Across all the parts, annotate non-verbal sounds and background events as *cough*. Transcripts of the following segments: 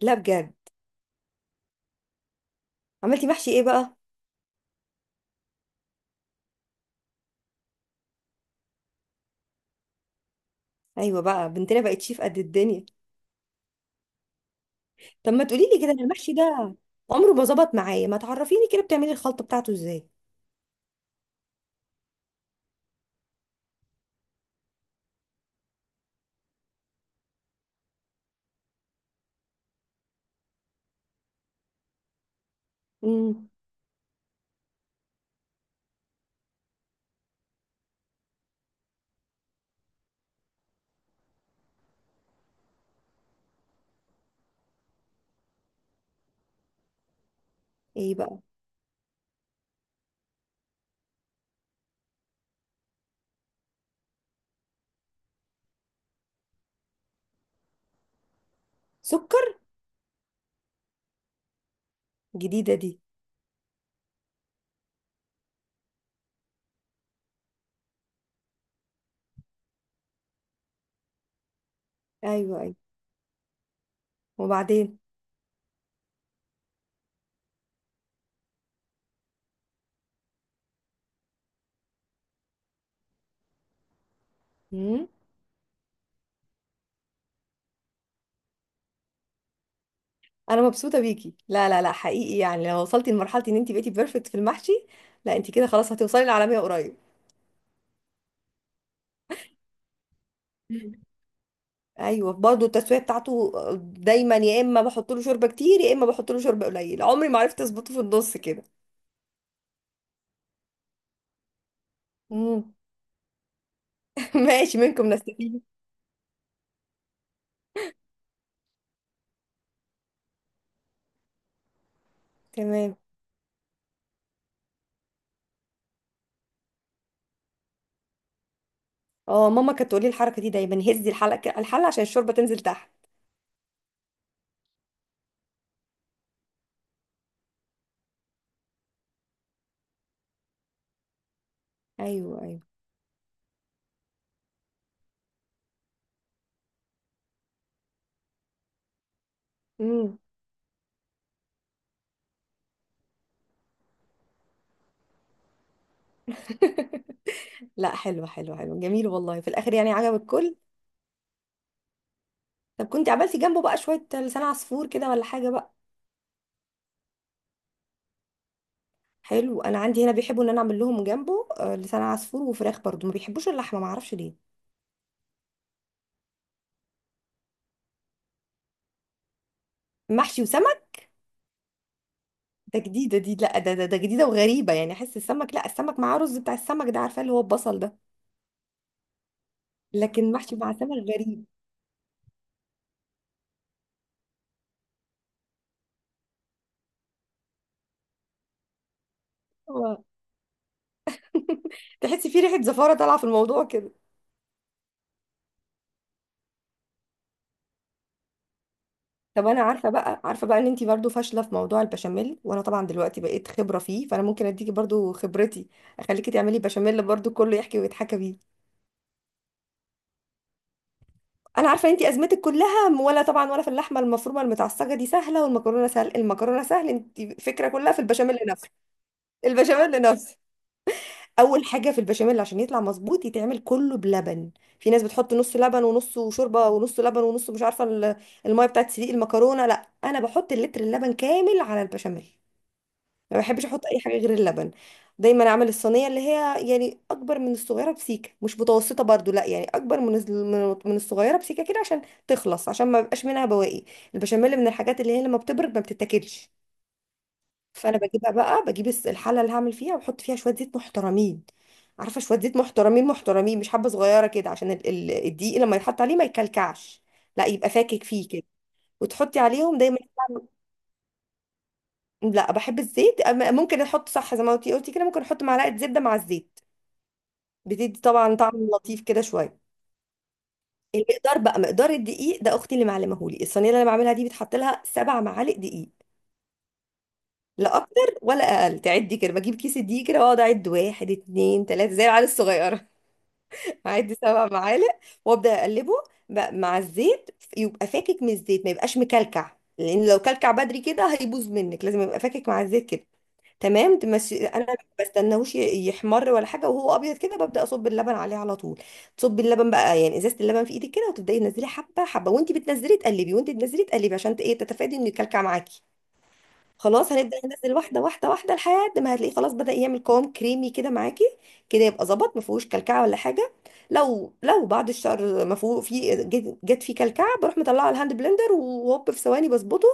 لا بجد. عملتي محشي ايه بقى؟ ايوه بقى، بنتنا بقت شيف قد الدنيا. طب ما تقولي لي كده، أنا المحشي ده عمره ما ظبط معايا، ما تعرفيني كده بتعملي الخلطه بتاعته ازاي. امم. ايه بقى؟ سكر؟ جديده دي. ايوه، ايوه. وبعدين. امم. انا مبسوطه بيكي، لا لا لا، حقيقي يعني لو وصلتي لمرحله ان انت بقيتي بيرفكت في المحشي، لا انت كده خلاص هتوصلي للعالميه قريب. مم. ايوه، برضه التسويه بتاعته، دايما يا اما بحط له شوربه كتير يا اما بحط له شوربه قليل، عمري ما عرفت اظبطه في النص كده. مم. *laughs* ماشي، منكم نستفيد. تمام. اه، ماما كانت تقولي الحركه دي دايما، هزي الحلقه الحله عشان الشوربه تنزل تحت. ايوه، ايوه. امم. *laughs* لا، حلو حلو حلو، جميل والله، في الاخر يعني عجب الكل. طب كنت عملتي جنبه بقى شويه لسان عصفور كده ولا حاجه بقى؟ حلو، انا عندي هنا بيحبوا ان انا اعمل لهم جنبه لسان عصفور وفراخ، برضو ما بيحبوش اللحمه، ما اعرفش ليه. محشي وسمك؟ ده جديده دي، لا ده جديده وغريبه، يعني احس السمك، لا السمك معاه رز بتاع السمك ده، عارفه اللي هو البصل ده. لكن محشي مع سمك، غريب. *laughs* تحسي في ريحه زفاره طالعه في الموضوع كده. طب انا عارفه بقى ان انتي برضو فاشله في موضوع البشاميل، وانا طبعا دلوقتي بقيت خبره فيه، فانا ممكن اديكي برضو خبرتي، اخليكي تعملي بشاميل برضو كله يحكي ويتحكى بيه. انا عارفه ان انتي ازمتك كلها ولا طبعا ولا في اللحمه المفرومه المتعصجه، دي سهله، والمكرونه سهل، المكرونه سهل، انتي فكره كلها في البشاميل نفسه، البشاميل نفسه. اول حاجه في البشاميل عشان يطلع مظبوط يتعمل كله بلبن. في ناس بتحط نص لبن ونصه شوربه، ونص لبن ونص مش عارفه الميه بتاعت سليق المكرونه، لا انا بحط اللتر اللبن كامل على البشاميل. ما بحبش احط اي حاجه غير اللبن. دايما اعمل الصينيه اللي هي يعني اكبر من الصغيره بسيكه، مش متوسطه برضو، لا يعني اكبر من الصغيره بسيكه كده، عشان تخلص، عشان ما بيبقاش منها بواقي. البشاميل من الحاجات اللي هي لما بتبرد ما بتتاكلش، فانا بجيبها بقى، بجيب الحله اللي هعمل فيها واحط فيها شويه زيت محترمين. عارفه، شويه زيت محترمين محترمين مش حبه صغيره كده، عشان الدقيق لما يتحط عليه ما يكلكعش، لا يبقى فاكك فيه كده. وتحطي عليهم دايما. لا بحب الزيت، ممكن احط، صح زي ما انتي قلتي كده، ممكن احط معلقه زبده مع الزيت، بتدي طبعا طعم لطيف كده شويه. المقدار بقى، مقدار الدقيق ده اختي اللي معلمهولي، الصينيه اللي انا بعملها دي بتحط لها 7 معالق دقيق، لا اكتر ولا اقل، تعدي كده بجيب كيس الدقيق كده واقعد اعد واحد اتنين تلاته زي العيال الصغيره، هعدي 7 معالق. وابدا اقلبه بقى مع الزيت، يبقى فاكك من الزيت ما يبقاش مكلكع، لان لو كلكع بدري كده هيبوظ منك، لازم يبقى فاكك مع الزيت كده، تمام؟ تمشي. انا ما بستناهوش يحمر ولا حاجه، وهو ابيض كده ببدا اصب اللبن عليه على طول. تصبي اللبن بقى، يعني ازازه اللبن في ايدك كده، وتبداي تنزلي حبه حبه، وانت بتنزلي تقلبي، وانت بتنزلي تقلبي عشان ايه، تتفادي انه يكلكع معاكي. خلاص هنبدأ ننزل واحدة واحدة واحدة لحد ما هتلاقيه خلاص بدأ يعمل قوام كريمي كده معاكي، كده يبقى ظبط، ما فيهوش كلكعة ولا حاجة. لو بعد الشهر ما فيه، في جت فيه كلكعة، بروح مطلعه على الهاند بلندر وهوب في ثواني بظبطه،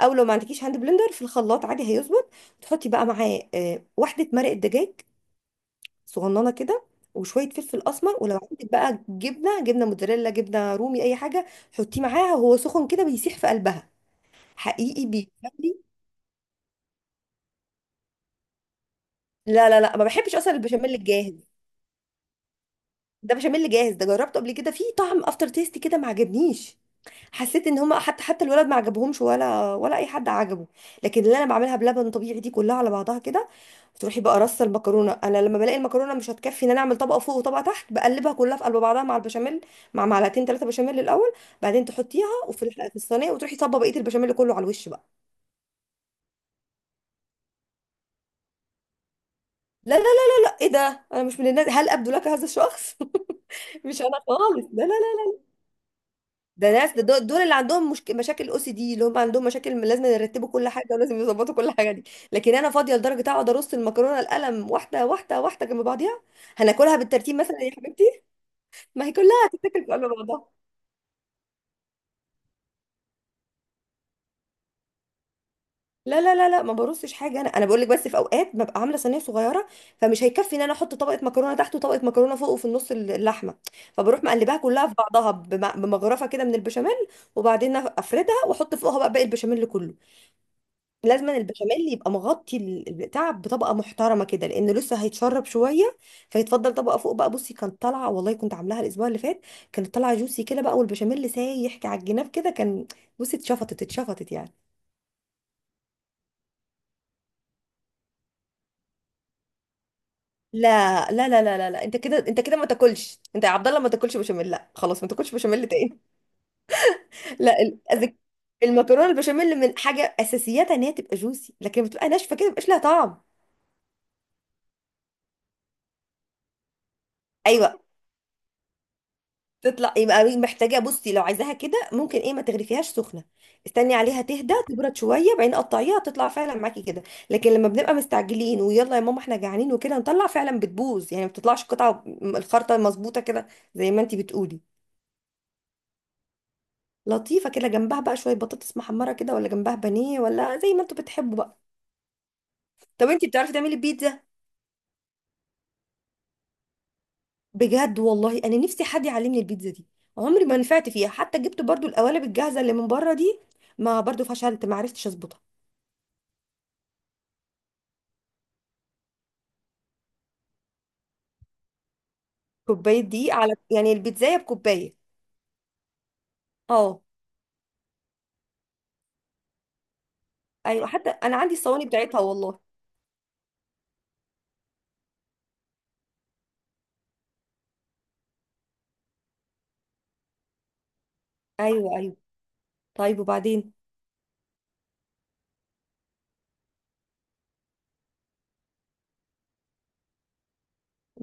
او لو ما عندكيش هاند بلندر في الخلاط عادي هيظبط. تحطي بقى معاه واحدة مرق الدجاج صغننة كده، وشوية فلفل أسمر، ولو عندك بقى جبنة موتزاريلا، جبنة رومي، أي حاجة حطيه معاها وهو سخن كده بيسيح في قلبها، حقيقي بيخلي. لا لا لا، ما بحبش اصلا البشاميل الجاهز، ده بشاميل جاهز، ده جربته قبل كده فيه طعم افتر تيست كده ما عجبنيش، حسيت ان هما حتى الولد ما عجبهمش ولا اي حد عجبه. لكن اللي انا بعملها بلبن طبيعي دي كلها على بعضها كده. تروحي بقى رص المكرونه، انا لما بلاقي المكرونه مش هتكفي ان انا اعمل طبقه فوق وطبقه تحت، بقلبها كلها في قلب بعضها مع البشاميل، مع معلقتين ثلاثه بشاميل الاول، بعدين تحطيها وفي الح- في الصينيه، وتروحي صبه بقيه البشاميل كله على الوش بقى. لا لا لا. ايه ده؟ انا مش من الناس، هل ابدو لك هذا الشخص؟ *laughs* مش انا خالص، لا لا. ده ناس، ده دول اللي عندهم مشاكل او سي دي، اللي هم عندهم مشاكل لازم يرتبوا كل حاجه ولازم يظبطوا كل حاجه دي. لكن انا فاضيه لدرجه اقعد ارص المكرونه القلم واحده واحده واحده جنب بعضيها، هناكلها بالترتيب مثلا يا حبيبتي؟ ما هي كلها هتتاكل جنب بعضها. لا لا لا لا، ما برصش حاجه، انا بقول لك بس في اوقات ببقى عامله صينيه صغيره، فمش هيكفي ان انا احط طبقه مكرونه تحت وطبقه مكرونه فوق وفي النص اللحمه، فبروح مقلباها كلها في بعضها بمغرفه كده من البشاميل، وبعدين افردها واحط فوقها بقى باقي البشاميل كله. لازم البشاميل يبقى مغطي البتاع بطبقه محترمه كده، لانه لسه هيتشرب شويه، فيتفضل طبقه فوق بقى. بصي كانت طالعه والله، كنت عاملاها الاسبوع اللي فات كانت طالعه جوسي كده بقى، والبشاميل سايح على الجناب كده كان، بصي اتشفطت اتشفطت يعني. لا لا لا لا لا, لا. انت كده، انت كده ما تاكلش، انت يا عبد الله ما تاكلش بشاميل، لا خلاص، ما تاكلش بشاميل تاني. *laughs* لا المكرونه البشاميل من حاجه اساسياتها ان هي تبقى جوسي، لكن بتبقى ناشفه كده مبقاش لها طعم. ايوه، تطلع يبقى محتاجه، بصي لو عايزاها كده ممكن ايه، ما تغرفيهاش سخنه، استني عليها تهدى تبرد شويه بعدين قطعيها تطلع فعلا معاكي كده. لكن لما بنبقى مستعجلين ويلا يا ماما احنا جعانين وكده نطلع فعلا بتبوظ، يعني ما بتطلعش قطعه، الخرطه المظبوطه كده زي ما انتي بتقولي. لطيفه كده جنبها بقى شويه بطاطس محمره كده، ولا جنبها بانيه، ولا زي ما انتوا بتحبوا بقى. طب انتي بتعرفي تعملي بيتزا؟ بجد والله انا نفسي حد يعلمني البيتزا دي، عمري ما نفعت فيها، حتى جبت برضو القوالب الجاهزه اللي من بره دي، ما برضو فشلت، ما عرفتش اظبطها. كوباية دي على يعني البيتزاية بكوباية؟ اه. ايوه حتى انا عندي الصواني بتاعتها والله. ايوه، ايوه. طيب وبعدين؟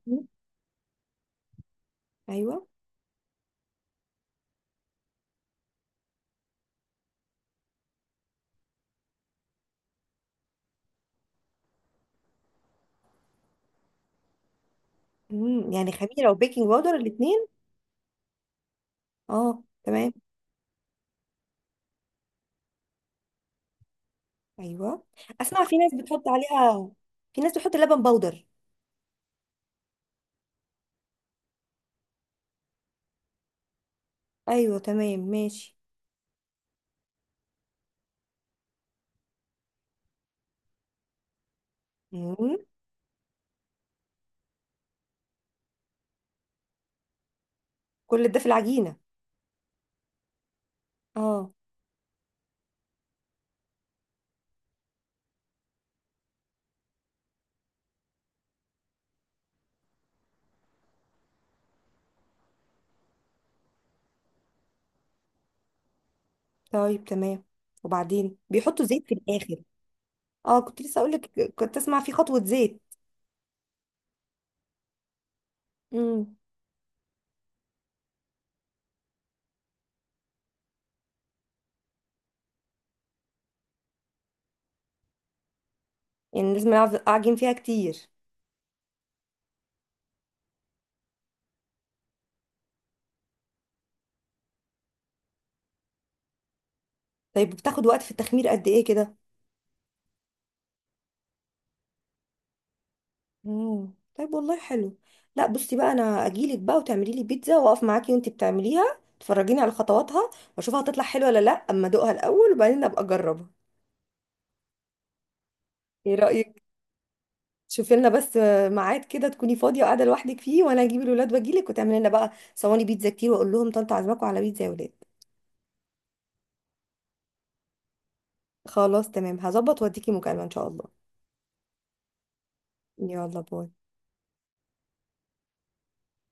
مم. ايوه. امم، يعني خميرة وبيكنج باودر الاثنين؟ اه، تمام. ايوه. اسمع، في ناس بتحط عليها، في ناس بتحط لبن باودر. ايوه، تمام، ماشي. مم. كل ده في العجينة؟ اه. طيب، تمام. وبعدين بيحطوا زيت في الاخر؟ اه، كنت لسه اقول لك، كنت اسمع في خطوة زيت. امم. يعني لازم اعجن فيها كتير؟ طيب، بتاخد وقت في التخمير قد ايه كده؟ امم، طيب والله حلو. لا بصي بقى، انا اجيلك بقى وتعملي لي بيتزا، واقف معاكي وانتي بتعمليها تفرجيني على خطواتها واشوفها هتطلع حلوه ولا لا، اما ادوقها الاول وبعدين ابقى اجربها. ايه رايك؟ شوفي لنا بس ميعاد كده تكوني فاضيه وقاعده لوحدك فيه، وانا اجيب الولاد واجيلك وتعملي لنا بقى صواني بيتزا كتير، واقول لهم طنط عزمكم على بيتزا يا ولاد. خلاص تمام، هظبط واديكي مكالمه ان شاء الله. يلا باي.